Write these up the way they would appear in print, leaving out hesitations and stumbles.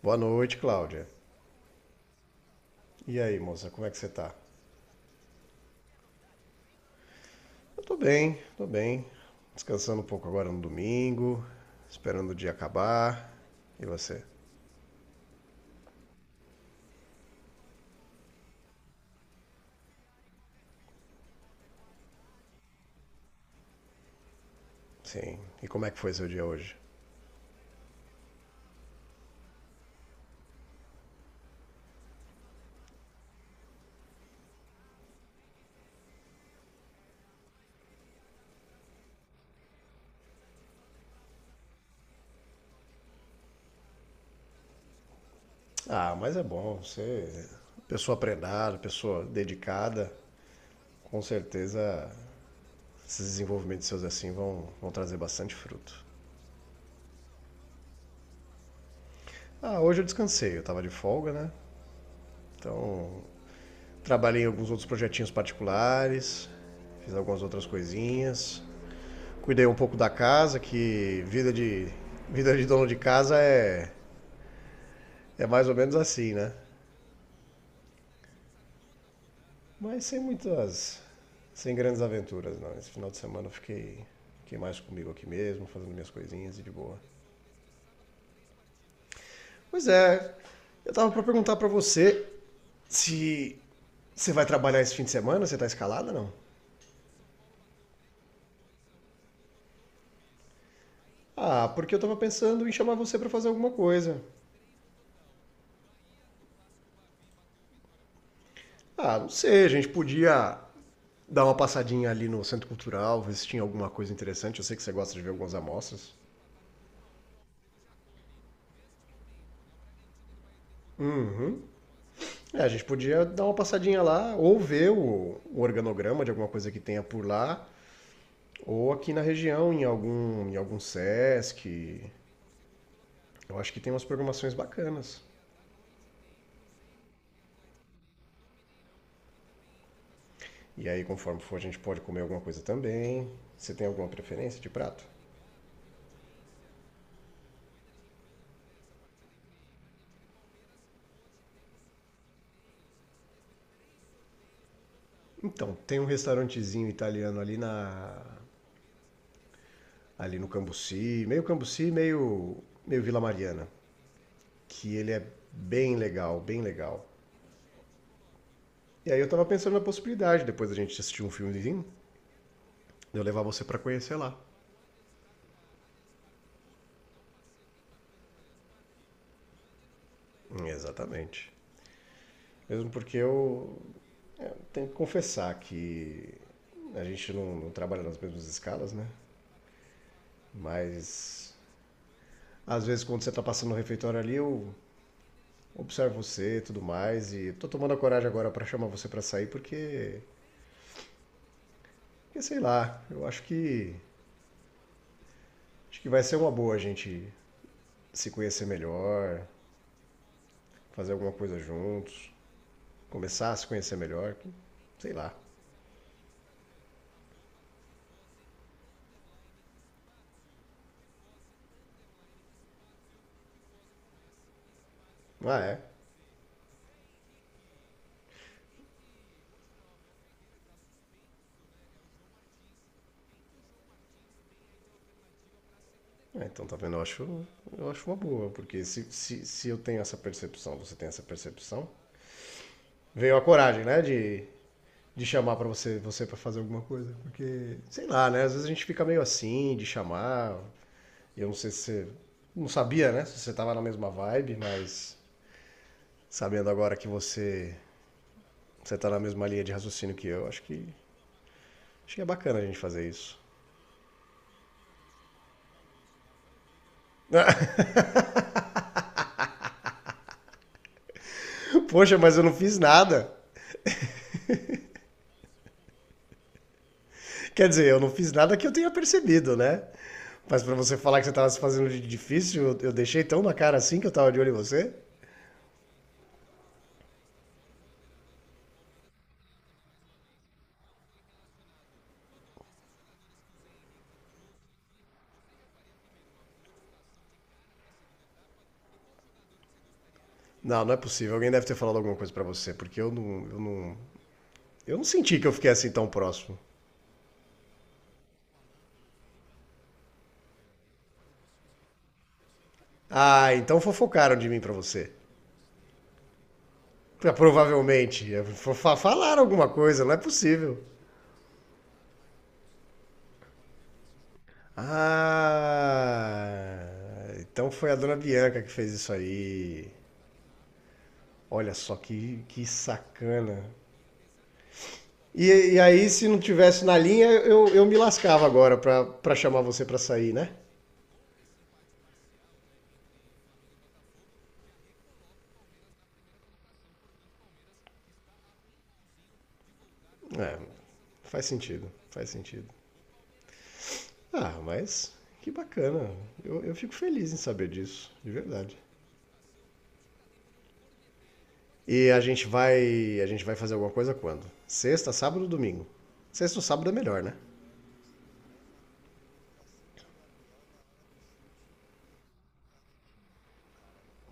Boa noite, Cláudia. E aí, moça, como é que você tá? Eu tô bem, tô bem. Descansando um pouco agora no domingo, esperando o dia acabar. E você? Sim. E como é que foi seu dia hoje? Ah, mas é bom. Você, pessoa prendada, pessoa dedicada, com certeza esses desenvolvimentos seus assim vão trazer bastante fruto. Ah, hoje eu descansei, eu tava de folga, né? Então, trabalhei em alguns outros projetinhos particulares, fiz algumas outras coisinhas. Cuidei um pouco da casa, que vida de dono de casa é mais ou menos assim, né? Mas sem muitas. Sem grandes aventuras, não. Esse final de semana eu fiquei mais comigo aqui mesmo, fazendo minhas coisinhas e de boa. Pois é, eu tava pra perguntar pra você se você vai trabalhar esse fim de semana, você tá escalada não? Ah, porque eu tava pensando em chamar você pra fazer alguma coisa. Ah, não sei, a gente podia dar uma passadinha ali no Centro Cultural, ver se tinha alguma coisa interessante. Eu sei que você gosta de ver algumas amostras. Uhum. É, a gente podia dar uma passadinha lá, ou ver o organograma de alguma coisa que tenha por lá, ou aqui na região, em algum Sesc. Eu acho que tem umas programações bacanas. E aí, conforme for, a gente pode comer alguma coisa também. Você tem alguma preferência de prato? Então, tem um restaurantezinho italiano ali no Cambuci, meio Cambuci, meio Vila Mariana, que ele é bem legal, bem legal. E aí eu tava pensando na possibilidade depois da gente assistir um filmezinho, eu levar você para conhecer lá. Exatamente. Mesmo porque eu tenho que confessar que a gente não trabalha nas mesmas escalas, né? Mas às vezes quando você tá passando no refeitório ali, eu observo você e tudo mais. E tô tomando a coragem agora para chamar você para sair porque, porque, sei lá, eu acho que vai ser uma boa a gente se conhecer melhor, fazer alguma coisa juntos, começar a se conhecer melhor, sei lá. Ah, é. É, então, tá vendo? Eu acho uma boa, porque se eu tenho essa percepção, você tem essa percepção, veio a coragem, né, de chamar pra você para fazer alguma coisa, porque, sei lá, né, às vezes a gente fica meio assim, de chamar, eu não sei se você, não sabia, né, se você tava na mesma vibe, mas sabendo agora que você tá na mesma linha de raciocínio que eu, acho que é bacana a gente fazer isso. Poxa, mas eu não fiz nada. Quer dizer, eu não fiz nada que eu tenha percebido, né? Mas pra você falar que você tava se fazendo de difícil, eu deixei tão na cara assim que eu tava de olho em você? Não, não é possível. Alguém deve ter falado alguma coisa pra você, porque eu não senti que eu fiquei assim tão próximo. Ah, então fofocaram de mim pra você. Ah, provavelmente. É, falaram alguma coisa, não é possível. Ah, então foi a dona Bianca que fez isso aí. Olha só que sacana. E aí, se não tivesse na linha, eu me lascava agora pra chamar você pra sair, né? É, faz sentido, faz sentido. Ah, mas que bacana. Eu fico feliz em saber disso, de verdade. E a gente vai. A gente vai fazer alguma coisa quando? Sexta, sábado ou domingo? Sexta ou sábado é melhor, né?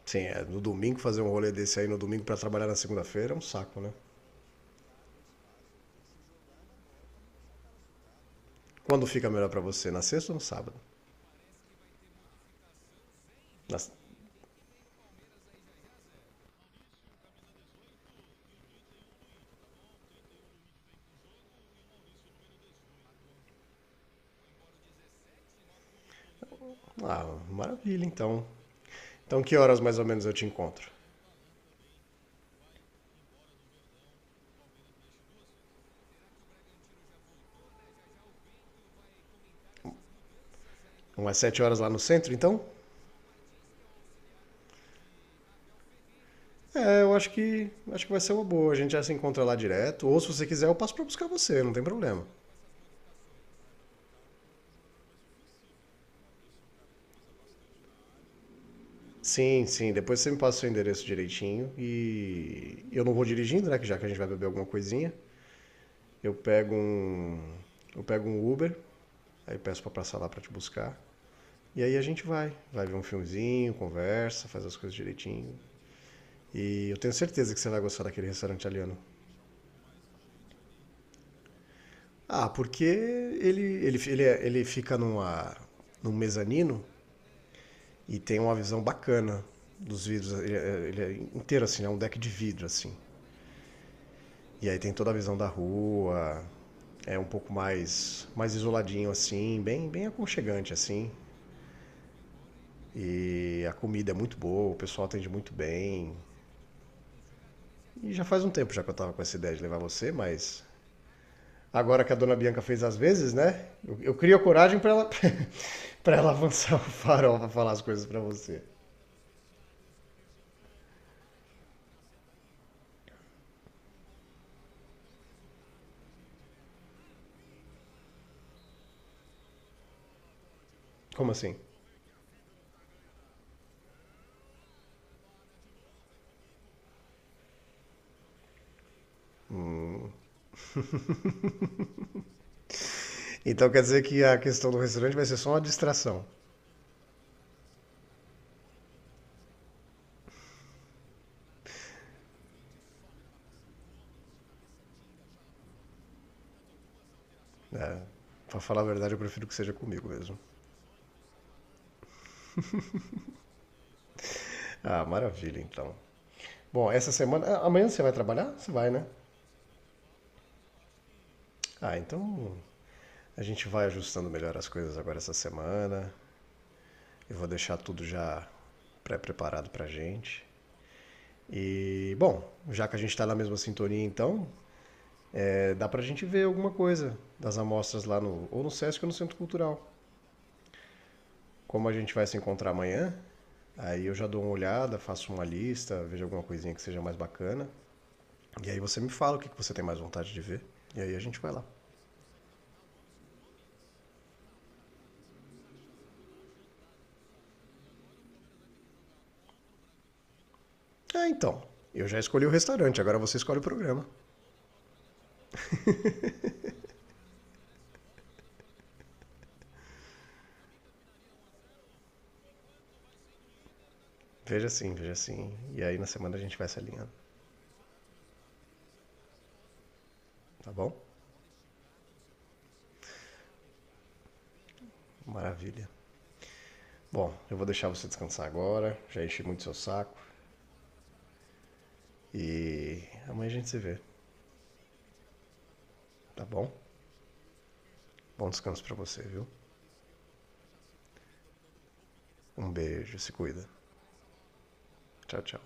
Sim, é, no domingo fazer um rolê desse aí no domingo pra trabalhar na segunda-feira é um saco, né? Quando fica melhor pra você? Na sexta ou no sábado? Na- Ah, maravilha, então. Então que horas mais ou menos eu te encontro? Umas sete horas lá no centro, então? É, eu acho que vai ser uma boa. A gente já se encontra lá direto. Ou se você quiser, eu passo pra buscar você, não tem problema. Sim, sim. Depois você me passa o seu endereço direitinho e eu não vou dirigindo, né? Que já que a gente vai beber alguma coisinha, eu pego um eu pego um Uber, aí peço pra passar lá pra te buscar. E aí a gente vai ver um filmezinho, conversa, faz as coisas direitinho. E eu tenho certeza que você vai gostar daquele restaurante italiano. Ah, porque ele fica num mezanino e tem uma visão bacana dos vidros. Ele é inteiro assim, é um deck de vidro assim. E aí tem toda a visão da rua, é um pouco mais isoladinho assim, bem aconchegante assim. E a comida é muito boa, o pessoal atende muito bem. E já faz um tempo já que eu tava com essa ideia de levar você, mas agora que a dona Bianca fez as vezes, né? Eu crio a coragem para ela para ela avançar o farol para falar as coisas para você. Como assim? Então quer dizer que a questão do restaurante vai ser só uma distração. Né? Para falar a verdade, eu prefiro que seja comigo mesmo. Ah, maravilha, então. Bom, essa semana. Ah, amanhã você vai trabalhar? Você vai, né? Ah, então a gente vai ajustando melhor as coisas agora essa semana. Eu vou deixar tudo já pré-preparado pra gente. E, bom, já que a gente tá na mesma sintonia, então, é, dá pra gente ver alguma coisa das amostras lá no. ou no SESC ou no Centro Cultural. Como a gente vai se encontrar amanhã, aí eu já dou uma olhada, faço uma lista, vejo alguma coisinha que seja mais bacana. E aí você me fala o que você tem mais vontade de ver. E aí a gente vai lá. Ah, então. Eu já escolhi o restaurante, agora você escolhe o programa. Veja assim, veja assim. E aí na semana a gente vai se alinhando, tá bom? Maravilha. Bom, eu vou deixar você descansar agora. Já enchi muito seu saco. E amanhã a gente se vê, tá bom? Bom descanso pra você, viu? Um beijo, se cuida. Tchau, tchau.